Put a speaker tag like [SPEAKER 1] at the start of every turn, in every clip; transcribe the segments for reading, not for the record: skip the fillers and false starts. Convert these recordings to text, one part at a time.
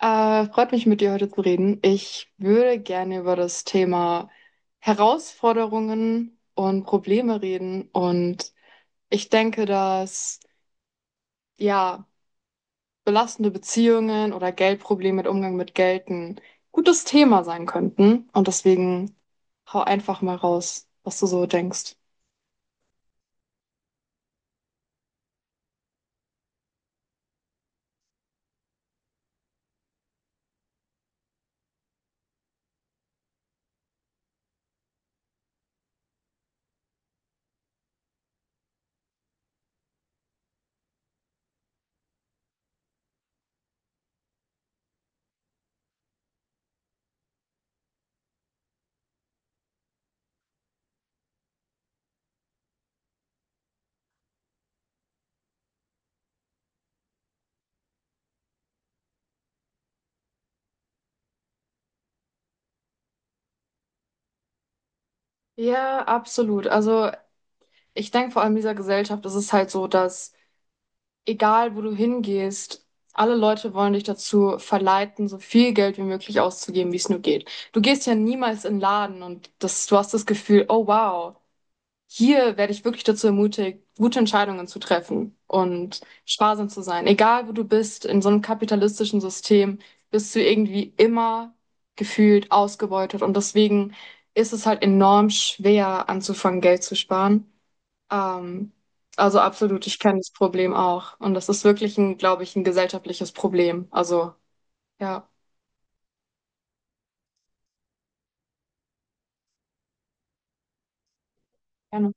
[SPEAKER 1] Freut mich, mit dir heute zu reden. Ich würde gerne über das Thema Herausforderungen und Probleme reden. Und ich denke, dass ja, belastende Beziehungen oder Geldprobleme mit Umgang mit Geld ein gutes Thema sein könnten. Und deswegen hau einfach mal raus, was du so denkst. Ja, absolut. Also ich denke vor allem in dieser Gesellschaft ist es halt so, dass egal, wo du hingehst, alle Leute wollen dich dazu verleiten, so viel Geld wie möglich auszugeben, wie es nur geht. Du gehst ja niemals in den Laden und das, du hast das Gefühl, oh wow, hier werde ich wirklich dazu ermutigt, gute Entscheidungen zu treffen und sparsam zu sein. Egal, wo du bist, in so einem kapitalistischen System bist du irgendwie immer gefühlt ausgebeutet und deswegen ist es halt enorm schwer anzufangen, Geld zu sparen. Ähm, also absolut, ich kenne das Problem auch. Und das ist wirklich ein, glaube ich, ein gesellschaftliches Problem. Also, ja, gerne.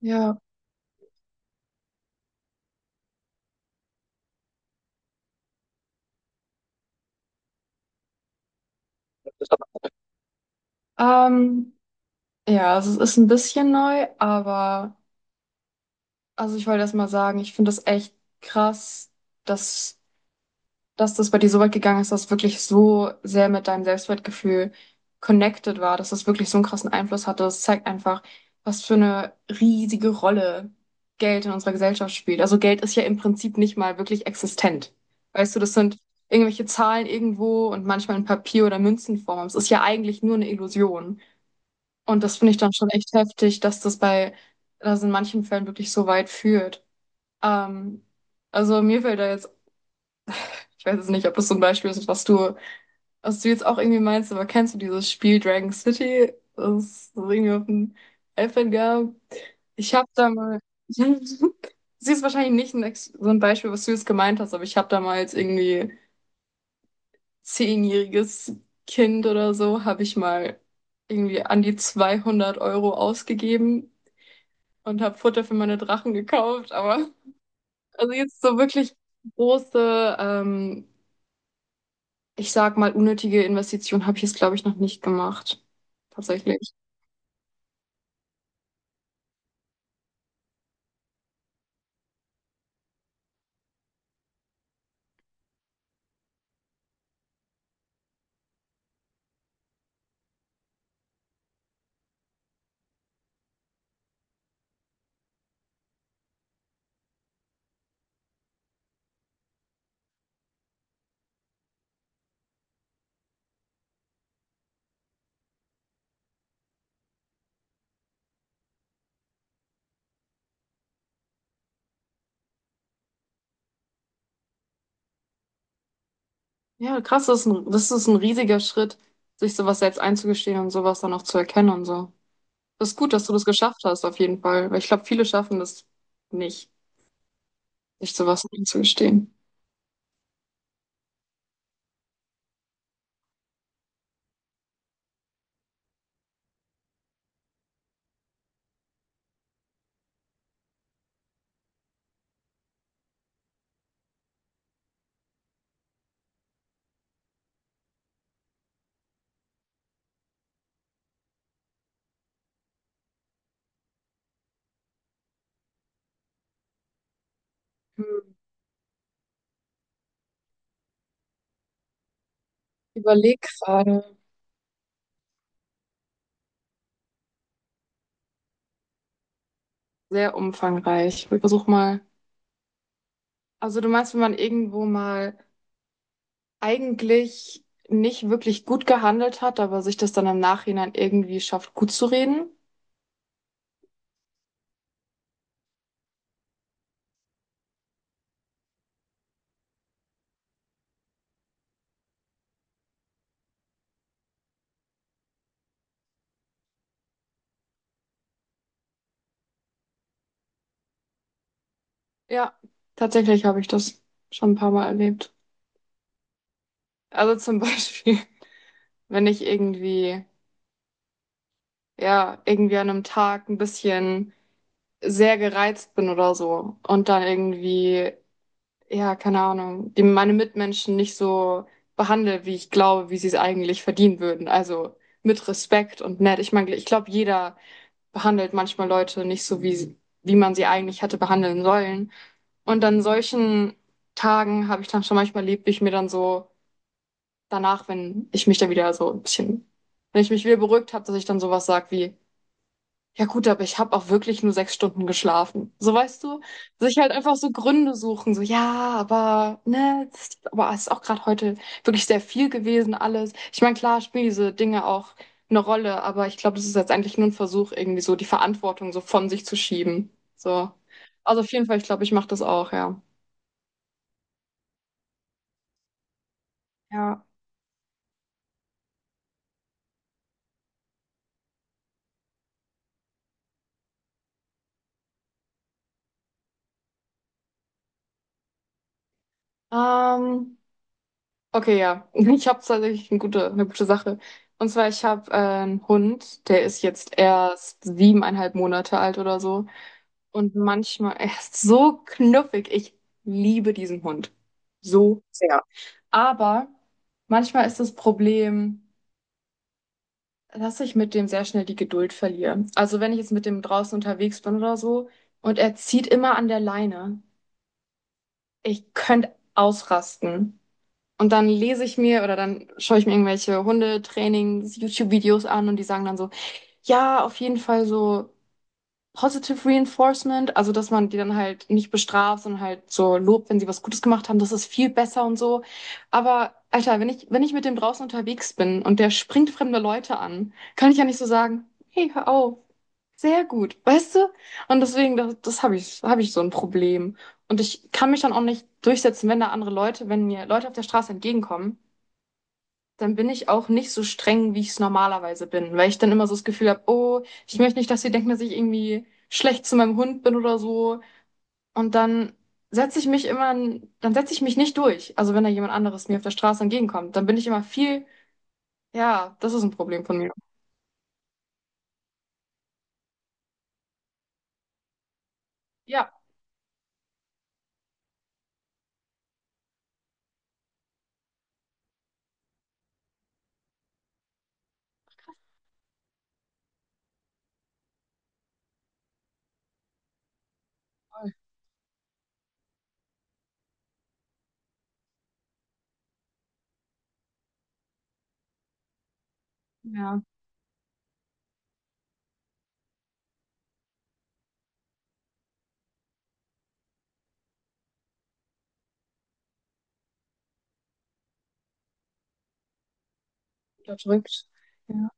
[SPEAKER 1] Ja. Ähm, ja, also es ist ein bisschen neu, aber also ich wollte erst mal sagen, ich finde das echt krass, dass dass das bei dir so weit gegangen ist, dass es wirklich so sehr mit deinem Selbstwertgefühl connected war, dass das wirklich so einen krassen Einfluss hatte. Das zeigt einfach, was für eine riesige Rolle Geld in unserer Gesellschaft spielt. Also Geld ist ja im Prinzip nicht mal wirklich existent. Weißt du, das sind irgendwelche Zahlen irgendwo und manchmal in Papier- oder Münzenform. Aber es ist ja eigentlich nur eine Illusion. Und das finde ich dann schon echt heftig, dass in manchen Fällen wirklich so weit führt. Ähm, also mir fällt da jetzt, ich weiß jetzt nicht, ob das so ein Beispiel ist, was du jetzt auch irgendwie meinst, aber kennst du dieses Spiel Dragon City, das es irgendwie auf dem iPad gab? Ich habe da mal, das ist wahrscheinlich nicht ein, Ex- so ein Beispiel, was du jetzt gemeint hast, aber ich habe damals irgendwie 10-jähriges Kind oder so, habe ich mal irgendwie an die 200 € ausgegeben und habe Futter für meine Drachen gekauft, aber also jetzt so wirklich große, ich sag mal, unnötige Investition habe ich jetzt, glaube ich, noch nicht gemacht. Tatsächlich. Ja, krass, das ist ein riesiger Schritt, sich sowas selbst einzugestehen und sowas dann auch zu erkennen und so. Das ist gut, dass du das geschafft hast, auf jeden Fall, weil ich glaube, viele schaffen das nicht, sich sowas einzugestehen. Hm. Überleg gerade. Sehr umfangreich. Ich versuch mal. Also du meinst, wenn man irgendwo mal eigentlich nicht wirklich gut gehandelt hat, aber sich das dann im Nachhinein irgendwie schafft, gut zu reden? Ja, tatsächlich habe ich das schon ein paar Mal erlebt. Also zum Beispiel, wenn ich irgendwie ja, irgendwie an einem Tag ein bisschen sehr gereizt bin oder so und dann irgendwie, ja, keine Ahnung, die, meine Mitmenschen nicht so behandle, wie ich glaube, wie sie es eigentlich verdienen würden. Also mit Respekt und nett. Ich meine, ich glaube, jeder behandelt manchmal Leute nicht so, wie man sie eigentlich hätte behandeln sollen. Und an solchen Tagen habe ich dann schon manchmal erlebt, wie ich mir dann so danach, wenn ich mich dann wieder so ein bisschen, wenn ich mich wieder beruhigt habe, dass ich dann sowas sage wie, ja gut, aber ich habe auch wirklich nur 6 Stunden geschlafen. So weißt du, sich halt einfach so Gründe suchen, so ja, aber ne, das ist, aber es ist auch gerade heute wirklich sehr viel gewesen alles. Ich meine, klar spielen diese Dinge auch eine Rolle, aber ich glaube, das ist jetzt eigentlich nur ein Versuch, irgendwie so die Verantwortung so von sich zu schieben. So. Also auf jeden Fall, ich glaube, ich mache das auch, ja. Ja. Ähm, Okay, ja. Ich habe tatsächlich eine gute Sache. Und zwar, ich habe einen Hund, der ist jetzt erst 7,5 Monate alt oder so. Und manchmal, er ist so knuffig. Ich liebe diesen Hund. So sehr. Aber manchmal ist das Problem, dass ich mit dem sehr schnell die Geduld verliere. Also wenn ich jetzt mit dem draußen unterwegs bin oder so und er zieht immer an der Leine, ich könnte ausrasten. Und dann lese ich mir oder dann schaue ich mir irgendwelche Hundetrainings-YouTube-Videos an und die sagen dann so, ja, auf jeden Fall so Positive Reinforcement, also dass man die dann halt nicht bestraft, sondern halt so lobt, wenn sie was Gutes gemacht haben, das ist viel besser und so. Aber Alter, wenn ich mit dem draußen unterwegs bin und der springt fremde Leute an, kann ich ja nicht so sagen, hey, hör auf, sehr gut, weißt du? Und deswegen, das habe ich so ein Problem. Und ich kann mich dann auch nicht durchsetzen, wenn da andere Leute, wenn mir Leute auf der Straße entgegenkommen, dann bin ich auch nicht so streng, wie ich es normalerweise bin, weil ich dann immer so das Gefühl habe, oh, ich möchte nicht, dass sie denken, dass ich irgendwie schlecht zu meinem Hund bin oder so. Und dann setze ich mich immer, setze ich mich nicht durch. Also wenn da jemand anderes mir auf der Straße entgegenkommt, dann bin ich immer viel, ja, das ist ein Problem von mir. Ja, voll. Ja, unterdrückt. Ja.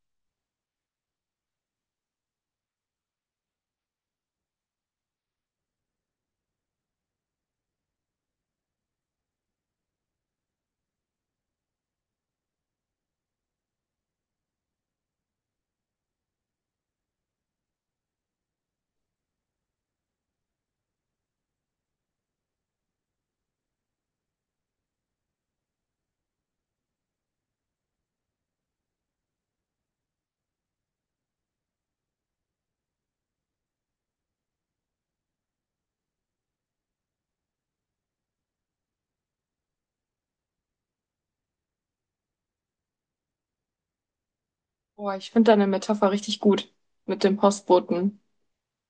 [SPEAKER 1] Boah, ich finde deine Metapher richtig gut mit dem Postboten,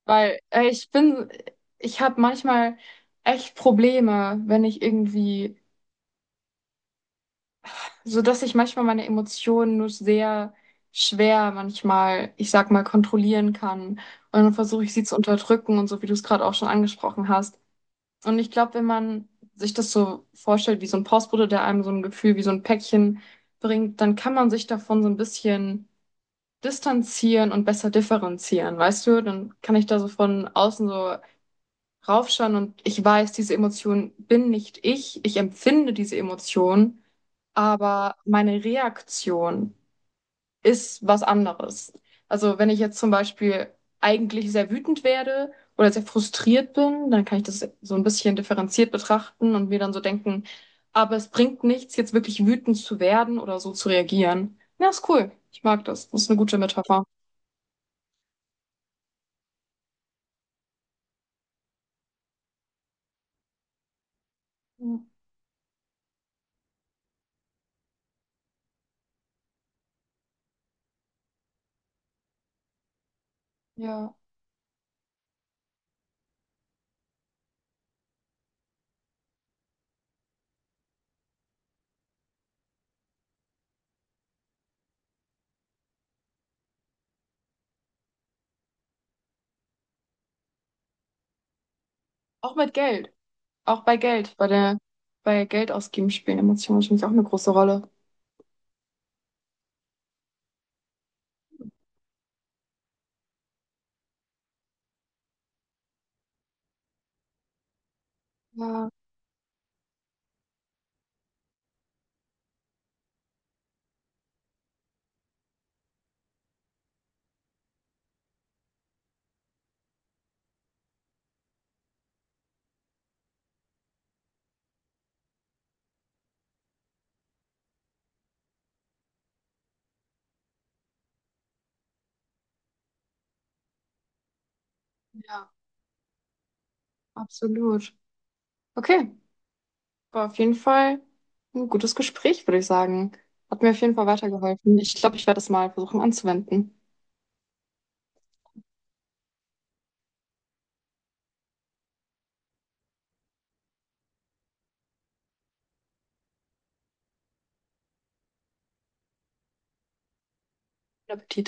[SPEAKER 1] weil ich habe manchmal echt Probleme, wenn ich irgendwie so dass ich manchmal meine Emotionen nur sehr schwer manchmal, ich sag mal, kontrollieren kann. Und dann versuche ich sie zu unterdrücken und so, wie du es gerade auch schon angesprochen hast. Und ich glaube, wenn man sich das so vorstellt, wie so ein Postbote, der einem so ein Gefühl wie so ein Päckchen bringt, dann kann man sich davon so ein bisschen distanzieren und besser differenzieren, weißt du? Dann kann ich da so von außen so raufschauen und ich weiß, diese Emotion bin nicht ich, ich empfinde diese Emotion, aber meine Reaktion ist was anderes. Also wenn ich jetzt zum Beispiel eigentlich sehr wütend werde oder sehr frustriert bin, dann kann ich das so ein bisschen differenziert betrachten und mir dann so denken, aber es bringt nichts, jetzt wirklich wütend zu werden oder so zu reagieren. Ja, ist cool. Ich mag das. Das ist eine gute Metapher. Ja, ja. Auch mit Geld. Auch bei Geld. Bei Geld ausgeben spielen Emotionen natürlich auch eine große Rolle. Ja, ja, absolut. Okay. War auf jeden Fall ein gutes Gespräch, würde ich sagen. Hat mir auf jeden Fall weitergeholfen. Ich glaube, ich werde das mal versuchen anzuwenden. Guten Appetit.